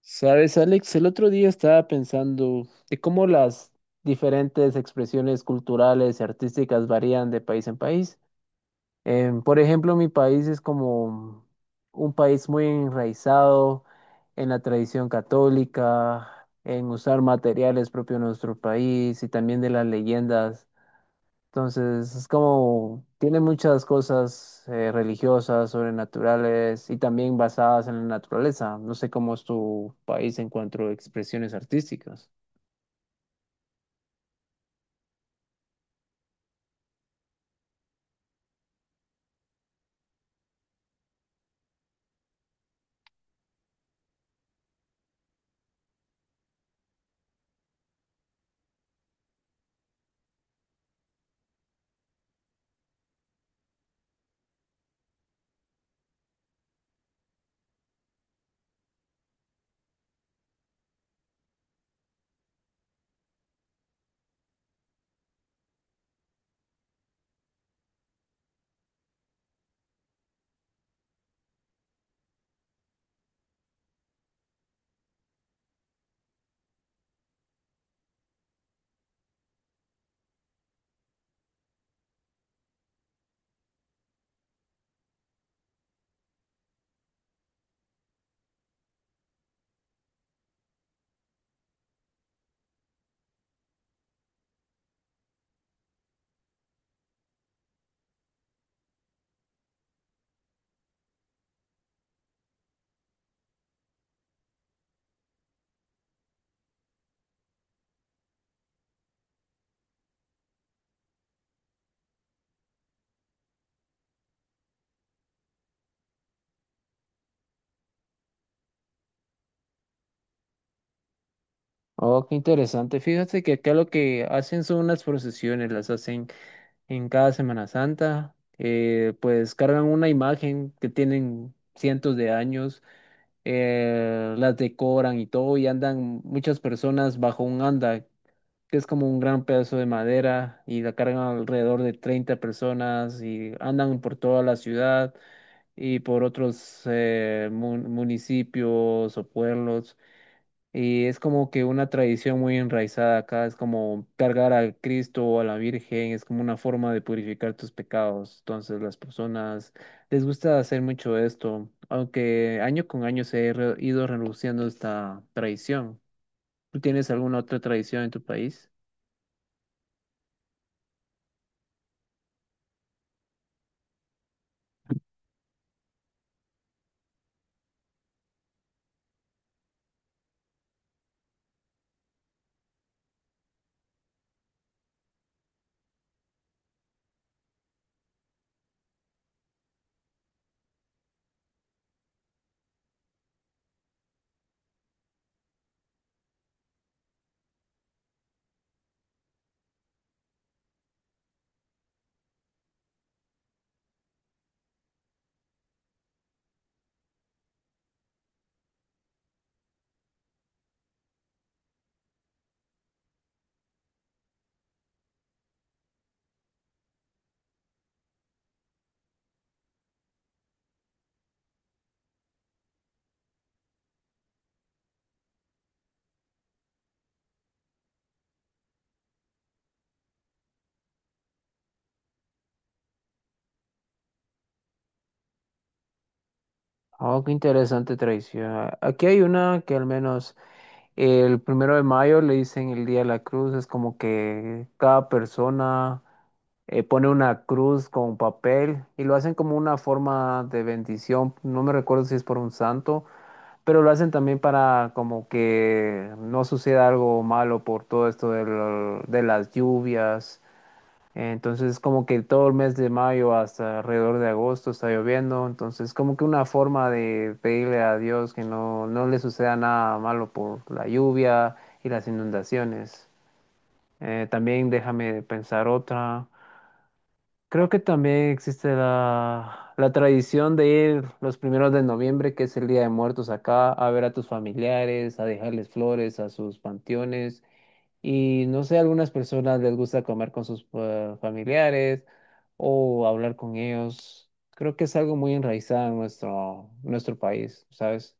Sabes, Alex, el otro día estaba pensando de cómo las diferentes expresiones culturales y artísticas varían de país en país. Por ejemplo, mi país es como un país muy enraizado en la tradición católica, en usar materiales propios de nuestro país y también de las leyendas, entonces, es como, tiene muchas cosas religiosas, sobrenaturales y también basadas en la naturaleza. No sé cómo es tu país en cuanto a expresiones artísticas. Oh, qué interesante. Fíjate que acá lo que hacen son unas procesiones, las hacen en cada Semana Santa. Pues cargan una imagen que tienen cientos de años, las decoran y todo, y andan muchas personas bajo un anda que es como un gran pedazo de madera, y la cargan alrededor de 30 personas y andan por toda la ciudad y por otros municipios o pueblos. Y es como que una tradición muy enraizada acá, es como cargar a Cristo o a la Virgen, es como una forma de purificar tus pecados. Entonces las personas les gusta hacer mucho esto, aunque año con año se ha ido reduciendo esta tradición. ¿Tú tienes alguna otra tradición en tu país? Oh, qué interesante tradición. Aquí hay una que, al menos el primero de mayo, le dicen el Día de la Cruz. Es como que cada persona pone una cruz con papel y lo hacen como una forma de bendición. No me recuerdo si es por un santo, pero lo hacen también para como que no suceda algo malo por todo esto de, de las lluvias. Entonces, como que todo el mes de mayo hasta alrededor de agosto está lloviendo. Entonces, como que una forma de pedirle a Dios que no le suceda nada malo por la lluvia y las inundaciones. También déjame pensar otra. Creo que también existe la tradición de ir los primeros de noviembre, que es el Día de Muertos acá, a ver a tus familiares, a dejarles flores a sus panteones. Y no sé, a algunas personas les gusta comer con sus familiares o hablar con ellos. Creo que es algo muy enraizado en nuestro país, ¿sabes?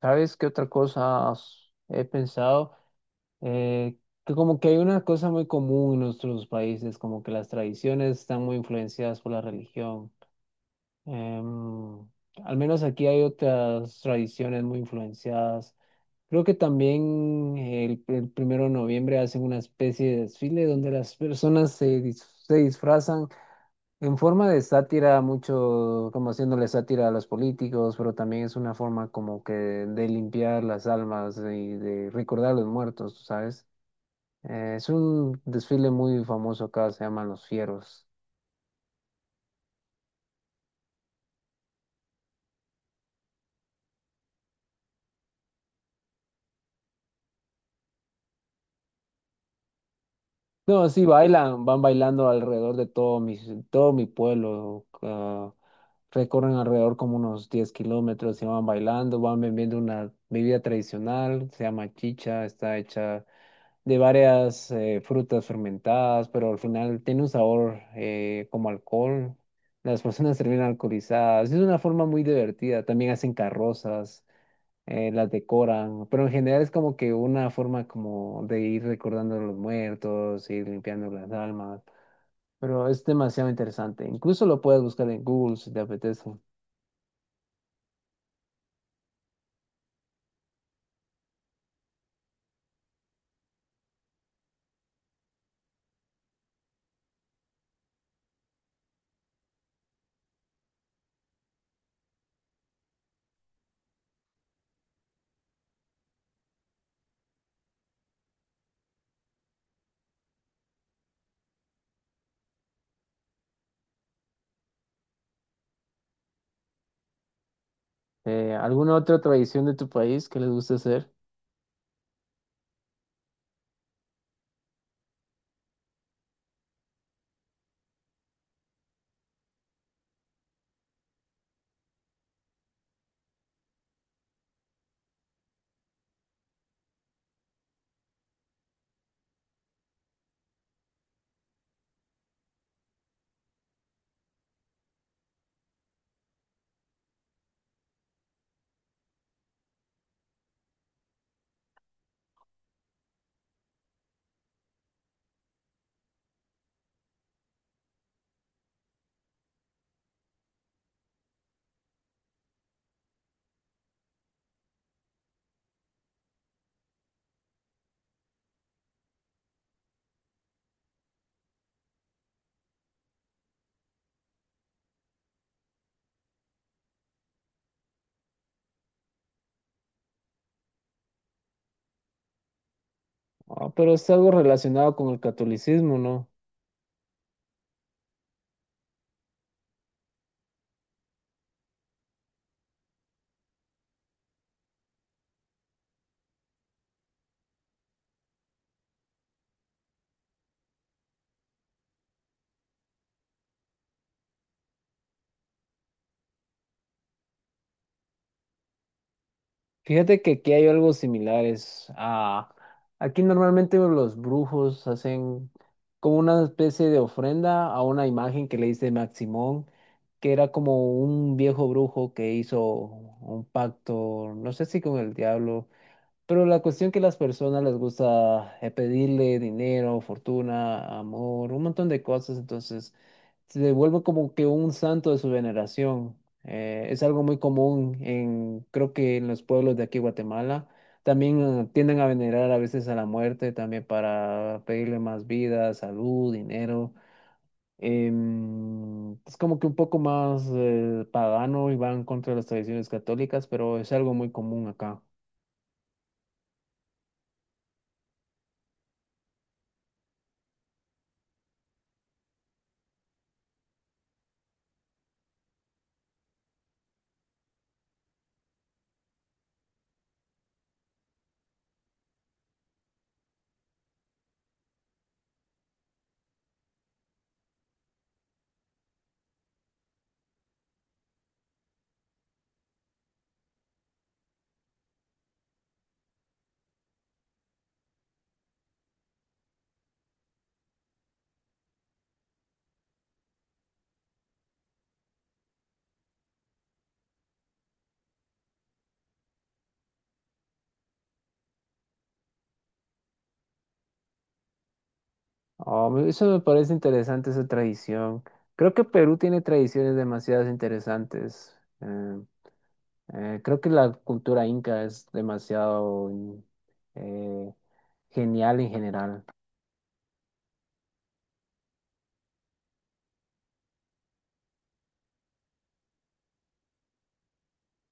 ¿Sabes qué otra cosa he pensado? Eh, que como que hay una cosa muy común en nuestros países, como que las tradiciones están muy influenciadas por la religión. Em, al menos aquí hay otras tradiciones muy influenciadas. Creo que también el primero de noviembre hacen una especie de desfile donde las personas se disfrazan en forma de sátira, mucho como haciéndole sátira a los políticos, pero también es una forma como que de limpiar las almas y de recordar a los muertos, ¿sabes? Es un desfile muy famoso acá, se llaman Los Fieros. No, sí bailan, van bailando alrededor de todo mi pueblo. Recorren alrededor como unos 10 kilómetros y van bailando, van bebiendo una bebida tradicional, se llama chicha, está hecha de varias frutas fermentadas, pero al final tiene un sabor como alcohol. Las personas terminan alcoholizadas. Es una forma muy divertida. También hacen carrozas, las decoran, pero en general es como que una forma como de ir recordando a los muertos, ir limpiando las almas, pero es demasiado interesante. Incluso lo puedes buscar en Google si te apetece. ¿Alguna otra tradición de tu país que les guste hacer? Ah, pero es algo relacionado con el catolicismo, ¿no? Fíjate que aquí hay algo similar. Es... Ah, aquí normalmente los brujos hacen como una especie de ofrenda a una imagen que le hice Maximón, que era como un viejo brujo que hizo un pacto, no sé si con el diablo. Pero la cuestión que a las personas les gusta pedirle dinero, fortuna, amor, un montón de cosas, entonces se vuelve como que un santo de su veneración. Es algo muy común en, creo que en los pueblos de aquí, Guatemala. También tienden a venerar a veces a la muerte, también para pedirle más vida, salud, dinero. Es como que un poco más pagano y van contra las tradiciones católicas, pero es algo muy común acá. Eso me parece interesante, esa tradición. Creo que Perú tiene tradiciones demasiado interesantes. Creo que la cultura inca es demasiado eh, genial en general.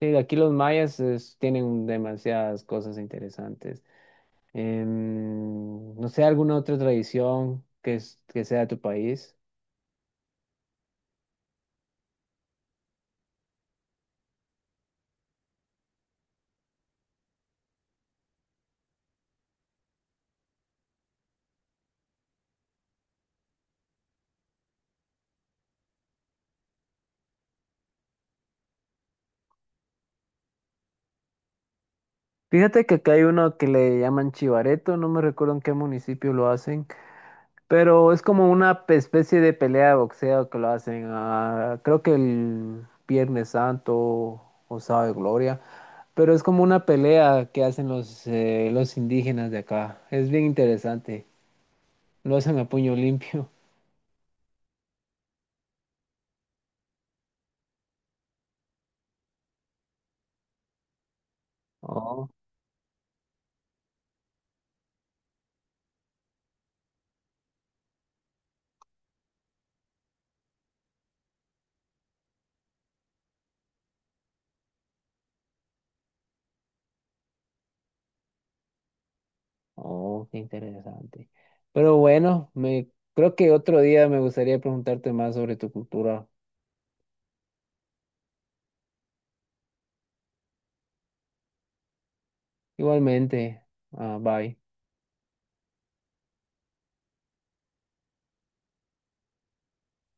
Sí, aquí los mayas tienen demasiadas cosas interesantes. No sé, alguna otra tradición que sea de tu país. Fíjate que acá hay uno que le llaman chivareto, no me recuerdo en qué municipio lo hacen. Pero es como una especie de pelea de boxeo que lo hacen, ah, creo que el Viernes Santo o Sábado de Gloria, pero es como una pelea que hacen los indígenas de acá. Es bien interesante. Lo hacen a puño limpio. Oh, oh, Qué interesante. Pero bueno, me creo que otro día me gustaría preguntarte más sobre tu cultura. Igualmente, ah, bye.